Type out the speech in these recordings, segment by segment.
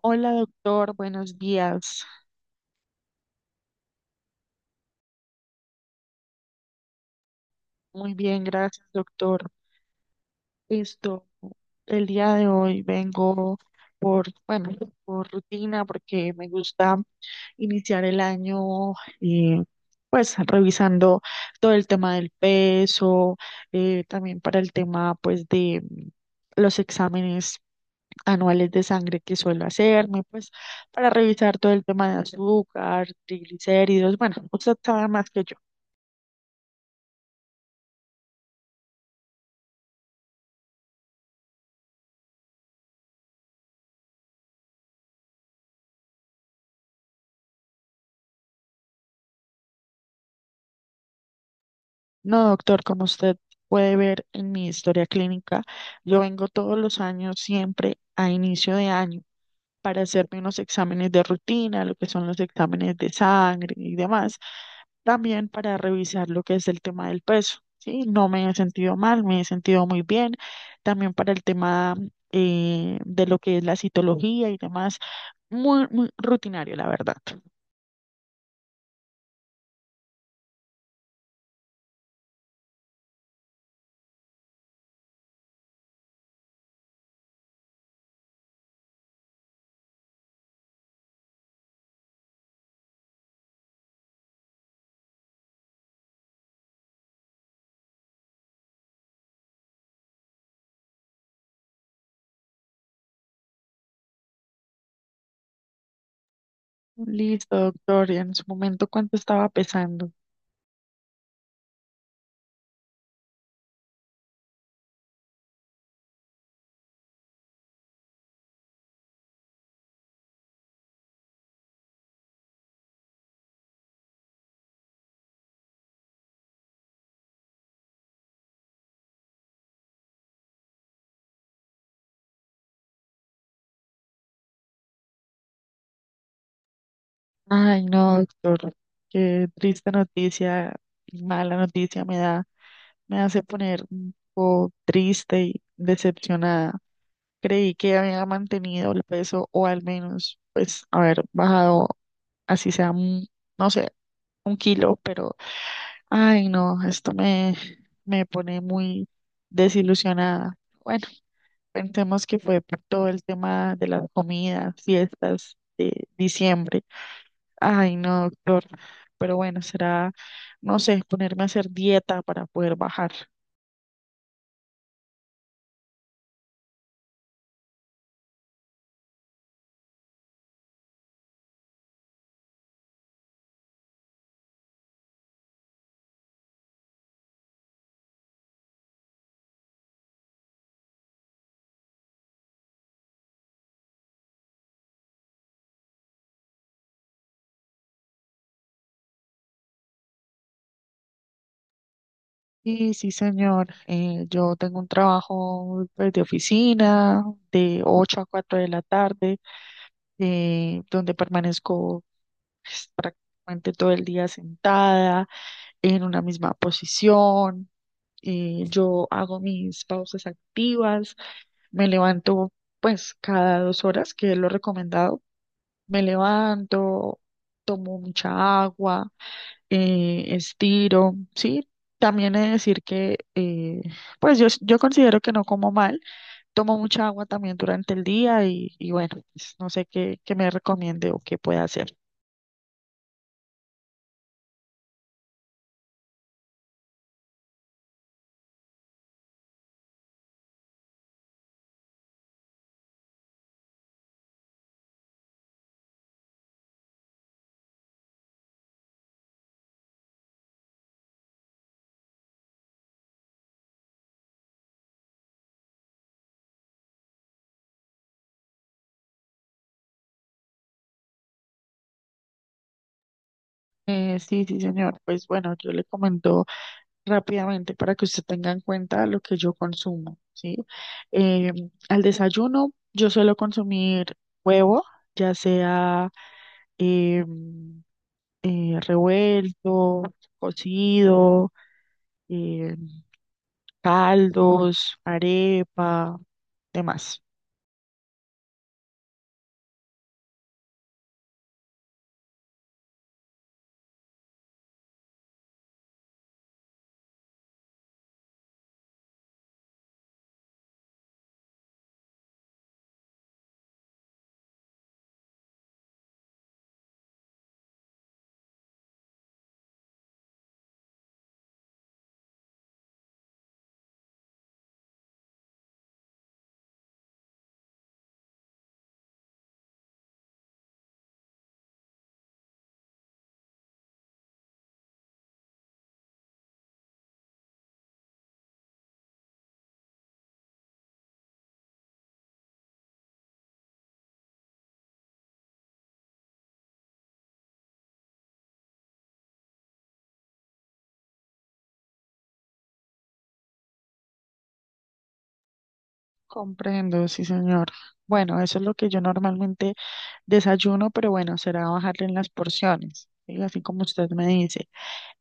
Hola doctor, buenos días. Muy bien, gracias doctor. Listo. El día de hoy vengo bueno, por rutina porque me gusta iniciar el año eh, pues revisando todo el tema del peso. También para el tema pues de los exámenes anuales de sangre que suelo hacerme, pues para revisar todo el tema de azúcar, triglicéridos, bueno, usted sabe más que yo. No, doctor, como usted puede ver en mi historia clínica, yo vengo todos los años siempre a inicio de año para hacerme unos exámenes de rutina, lo que son los exámenes de sangre y demás, también para revisar lo que es el tema del peso. Sí, no me he sentido mal, me he sentido muy bien, también para el tema de lo que es la citología y demás, muy, muy rutinario, la verdad. Listo, doctor, y en su momento, ¿cuánto estaba pesando? Ay, no, doctor, qué triste noticia y mala noticia me da. Me hace poner un poco triste y decepcionada. Creí que había mantenido el peso o al menos, pues, haber bajado, así sea, no sé, 1 kilo, pero, ay, no, esto me pone muy desilusionada. Bueno, pensemos que fue por todo el tema de las comidas, fiestas de diciembre. Ay, no, doctor, pero bueno, será no sé, ponerme a hacer dieta para poder bajar. Sí, sí, señor. Yo tengo un trabajo pues, de oficina de 8 a 4 de la tarde, donde permanezco pues, prácticamente todo el día sentada en una misma posición. Yo hago mis pausas activas, me levanto pues cada 2 horas, que es lo recomendado. Me levanto, tomo mucha agua estiro, ¿sí? También he de decir que, pues yo considero que no como mal, tomo mucha agua también durante el día y bueno, pues, no sé qué me recomiende o qué pueda hacer. Sí, sí, señor. Pues bueno, yo le comento rápidamente para que usted tenga en cuenta lo que yo consumo, ¿sí? Eh, al desayuno yo suelo consumir huevo, ya sea em, revuelto, cocido, em, caldos, arepa, demás. Comprendo, sí, señor. Bueno, eso es lo que yo normalmente desayuno, pero bueno, será bajarle en las porciones, ¿sí? Así como usted me dice.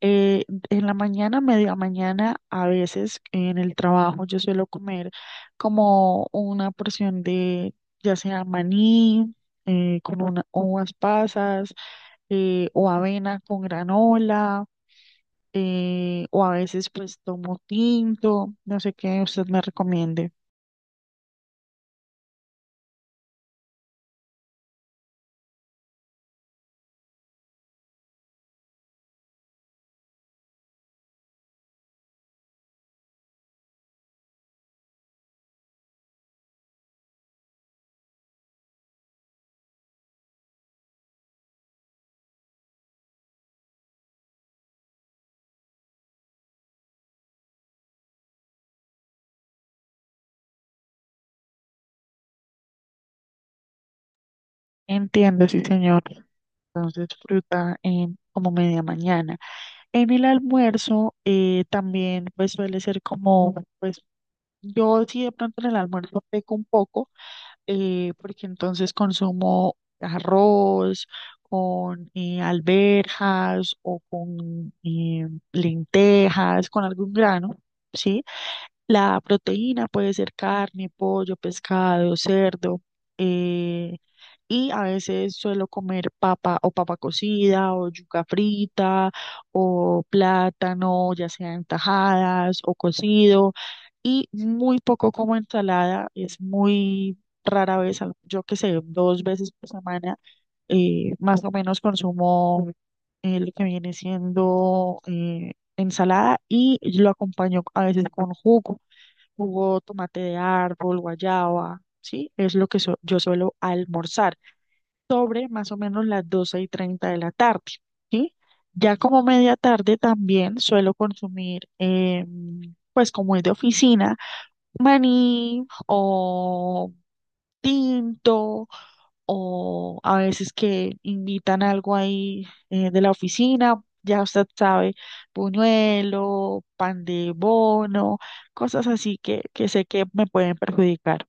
Eh, en la mañana, media mañana, a veces en el trabajo yo suelo comer como una porción de ya sea maní, con uvas pasas, o avena con granola, o a veces pues tomo tinto, no sé qué usted me recomiende. Entiendo, sí, señor. Entonces, fruta en como media mañana. En el almuerzo también pues suele ser como, pues yo sí de pronto en el almuerzo peco un poco, porque entonces consumo arroz con alberjas o con lentejas, con algún grano, ¿sí? La proteína puede ser carne, pollo, pescado, cerdo. eh, y a veces suelo comer papa o papa cocida o yuca frita o plátano, ya sea en tajadas o cocido. Y muy poco como ensalada, es muy rara vez, yo que sé, 2 veces por semana, más o menos consumo lo que viene siendo ensalada y lo acompaño a veces con jugo, jugo tomate de árbol, guayaba, ¿sí? Es lo que yo suelo almorzar sobre más o menos las 12:30 de la tarde, ¿sí? Ya como media tarde también suelo consumir, pues como es de oficina, maní o tinto o a veces que invitan algo ahí de la oficina, ya usted sabe, buñuelo, pan de bono, cosas así que sé que me pueden perjudicar.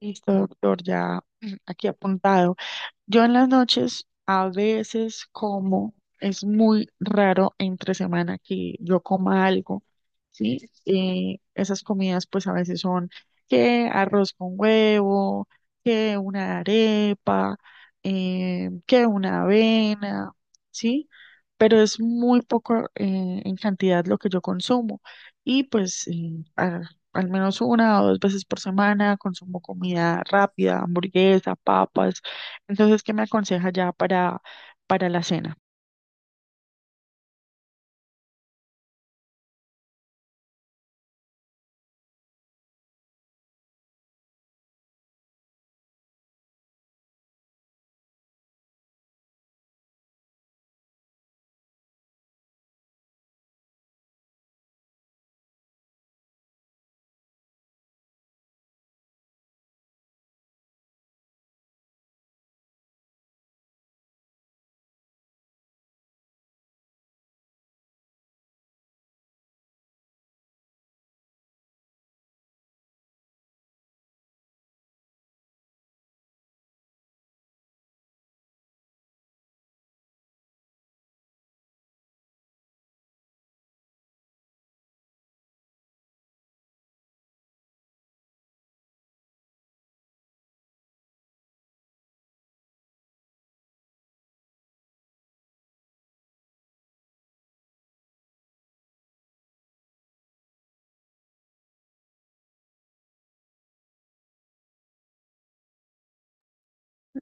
Listo, doctor, ya aquí apuntado. Yo en las noches a veces como, es muy raro entre semana que yo coma algo, ¿sí? Esas comidas pues a veces son que arroz con huevo, que una arepa, que una avena, ¿sí? Pero es muy poco en cantidad lo que yo consumo y pues al menos 1 o 2 veces por semana consumo comida rápida, hamburguesa, papas entonces, ¿qué me aconseja ya para la cena?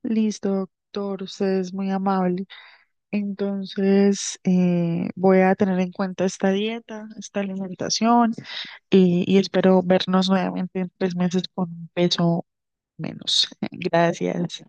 Listo, doctor, usted es muy amable. Entonces, voy a tener en cuenta esta dieta, esta alimentación y espero vernos nuevamente en 3 meses con un peso menos. Gracias.